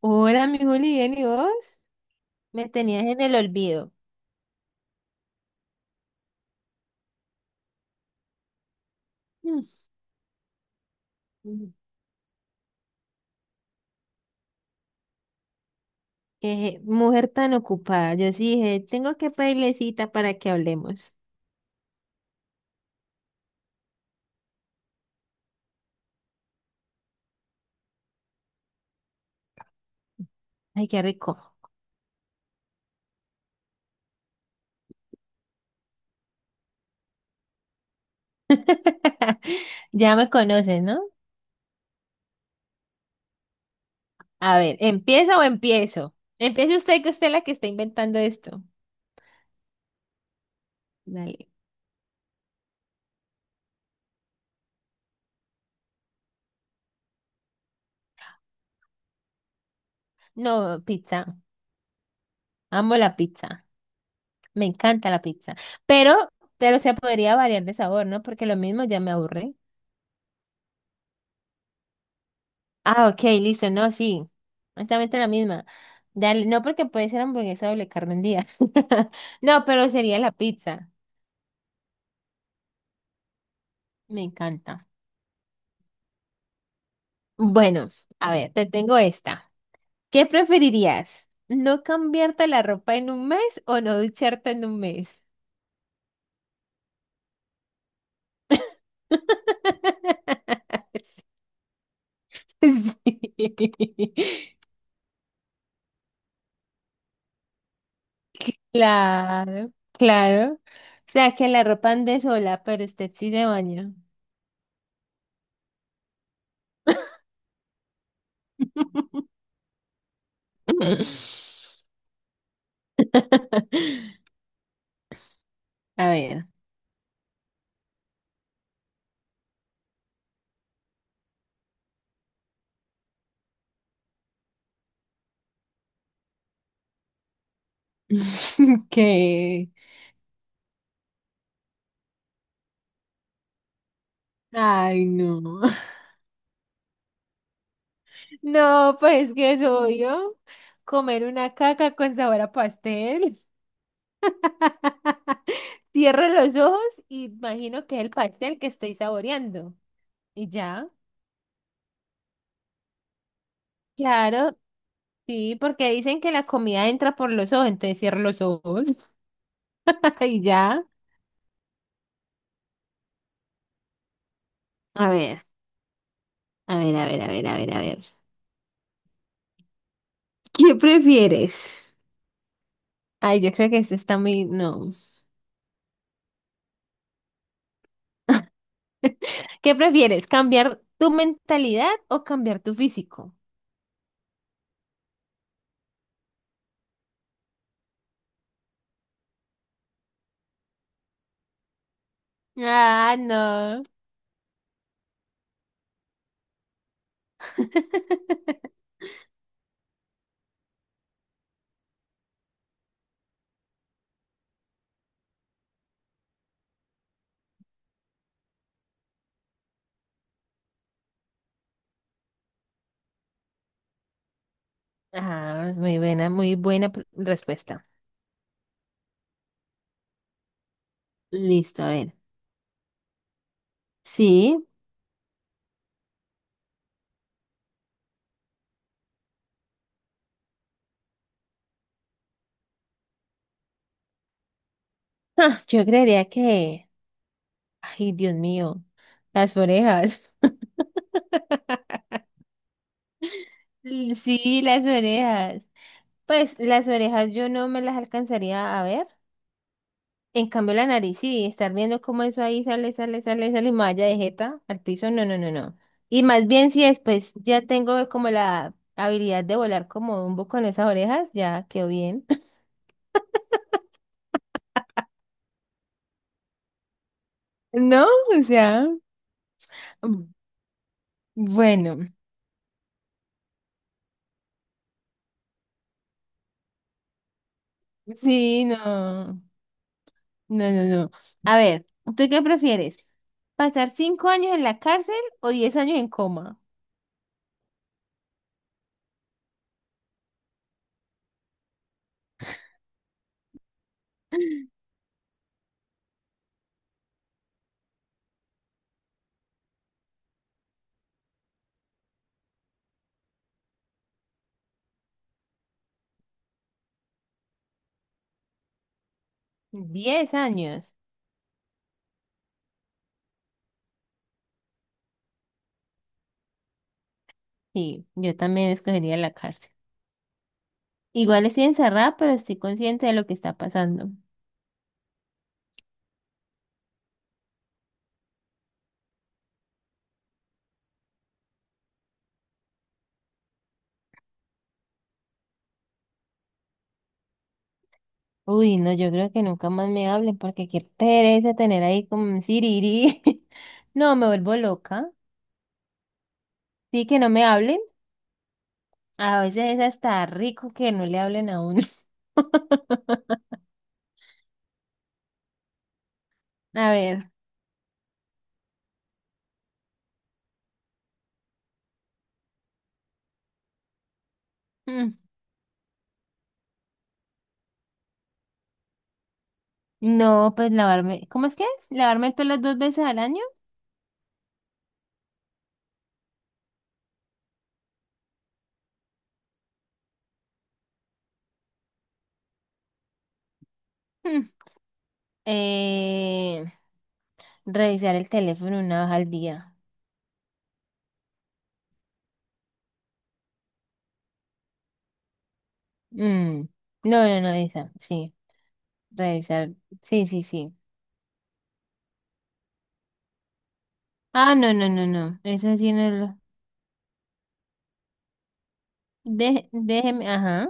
Hola, mi Juli, bien, ¿y vos? Me tenías en el olvido. Mm, mm. Qué mujer tan ocupada. Yo sí dije, tengo que pedirle cita para que hablemos. Ay, qué rico. Ya me conoces, ¿no? A ver, ¿empieza o empiezo? Empiece usted, que usted es la que está inventando esto. Dale. No, pizza. Amo la pizza. Me encanta la pizza. Pero, pero se podría variar de sabor, ¿no? Porque lo mismo ya me aburre. Ah, ok, listo. No, sí. Exactamente la misma. Dale, no porque puede ser hamburguesa doble carne un día. No, pero sería la pizza. Me encanta. Bueno, a ver, te tengo esta. ¿Qué preferirías? ¿No cambiarte la ropa en un mes o no ducharte en un mes? Sí. Claro, claro. O sea, que la ropa ande sola, pero usted sí se baña. A ver. ¿Qué? Ay, no. No, pues que es obvio. Comer una caca con sabor a pastel. Cierro los ojos y imagino que es el pastel que estoy saboreando. Y ya. Claro, sí, porque dicen que la comida entra por los ojos, entonces cierro los ojos. Y ya. A ver, a ver, a ver, a ver, a ver, a ver. ¿Qué prefieres? Ay, yo creo que este está muy... No. ¿Qué prefieres? ¿Cambiar tu mentalidad o cambiar tu físico? Ah, no. Ah, muy buena respuesta. Listo, a ver. Sí. Ah, yo creería que, ay, Dios mío, las orejas. Mm, sí, las orejas. Pues las orejas yo no me las alcanzaría a ver. En cambio la nariz, sí, estar viendo cómo eso ahí sale, sale, sale, sale y me vaya de jeta al piso, no, no, no, no. Y más bien si después ya tengo como la habilidad de volar como un buco con esas orejas, ya quedó bien. No, o sea, mm, bueno, sí, no, no, no, no. A ver, ¿tú qué prefieres? ¿Pasar 5 años en la cárcel o 10 años en coma? Diez años. Sí, yo también escogería la cárcel. Igual estoy encerrada, pero estoy consciente de lo que está pasando. Uy, no, yo creo que nunca más me hablen porque qué pereza tener ahí como un siriri. No, me vuelvo loca. Sí, que no me hablen. A veces es hasta rico que no le hablen a uno. A ver. Mm, no, pues lavarme. ¿Cómo es que es? ¿Lavarme el pelo dos veces al año? Mm, eh, revisar el teléfono una vez al día. Mm, no, no, no, esa. Sí. Revisar. Sí, sí, sí. Ah, no, no, no, no. Eso sí no lo. Déjeme. Ajá.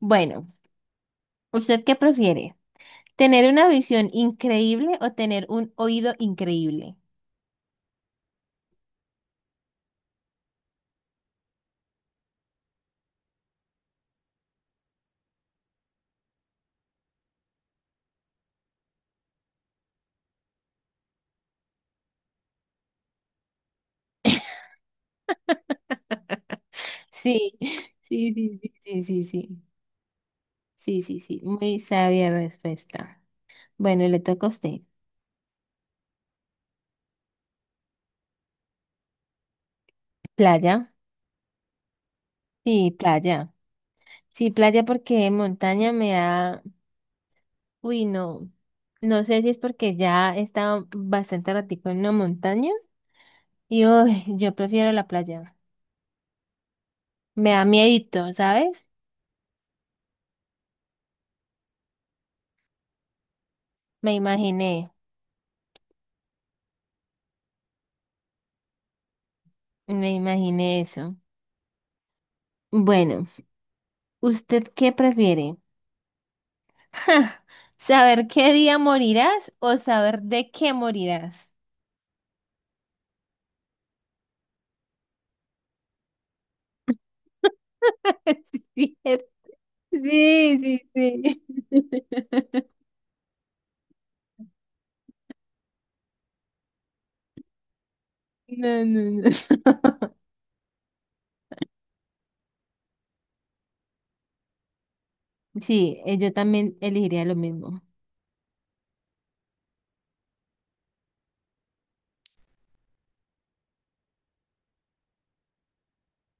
Bueno, ¿usted qué prefiere? ¿Tener una visión increíble o tener un oído increíble? Sí, sí, sí, sí, sí, sí, sí, sí, sí, sí, muy sabia respuesta. Bueno, le toca a usted. ¿Playa? Sí, playa. Sí, playa porque montaña me da, uy, no, no sé si es porque ya he estado bastante ratico en una montaña y uy, yo prefiero la playa. Me da miedito, ¿sabes? Me imaginé, me imaginé eso. Bueno, ¿usted qué prefiere? Ja, ¿saber qué día morirás o saber de qué morirás? Sí, sí, sí. No, no, no. Sí, yo también elegiría lo mismo.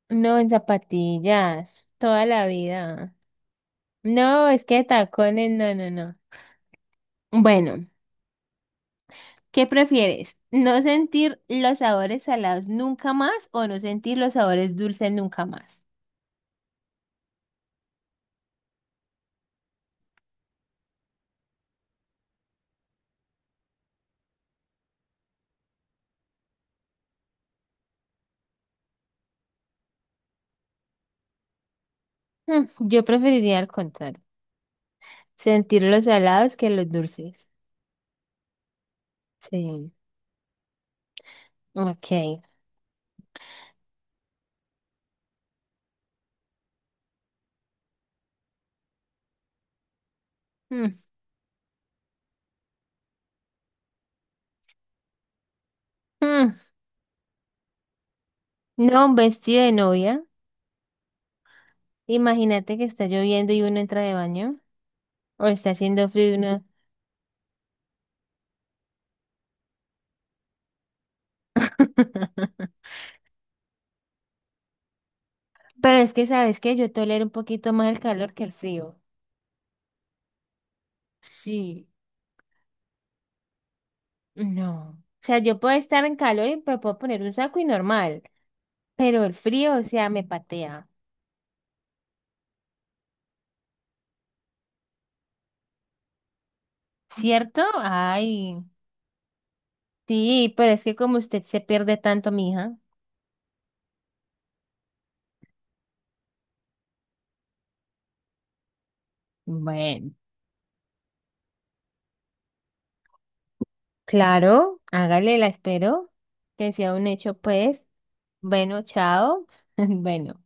No, en zapatillas, toda la vida. No, es que tacones, no, no, no. Bueno, ¿qué prefieres? ¿No sentir los sabores salados nunca más o no sentir los sabores dulces nunca más? Mm, yo preferiría al contrario, sentir los salados que los dulces. Sí, ok. Mm, mm. No, un vestido de novia. Imagínate que está lloviendo y uno entra de baño. O está haciendo frío y uno. Pero es que, ¿sabes qué? Yo tolero un poquito más el calor que el frío. Sí. No. O sea, yo puedo estar en calor y me puedo poner un saco y normal. Pero el frío, o sea, me patea. ¿Cierto? Ay. Sí, pero es que como usted se pierde tanto, mija. Bueno. Claro, hágale, la espero. Que sea un hecho, pues. Bueno, chao. Bueno.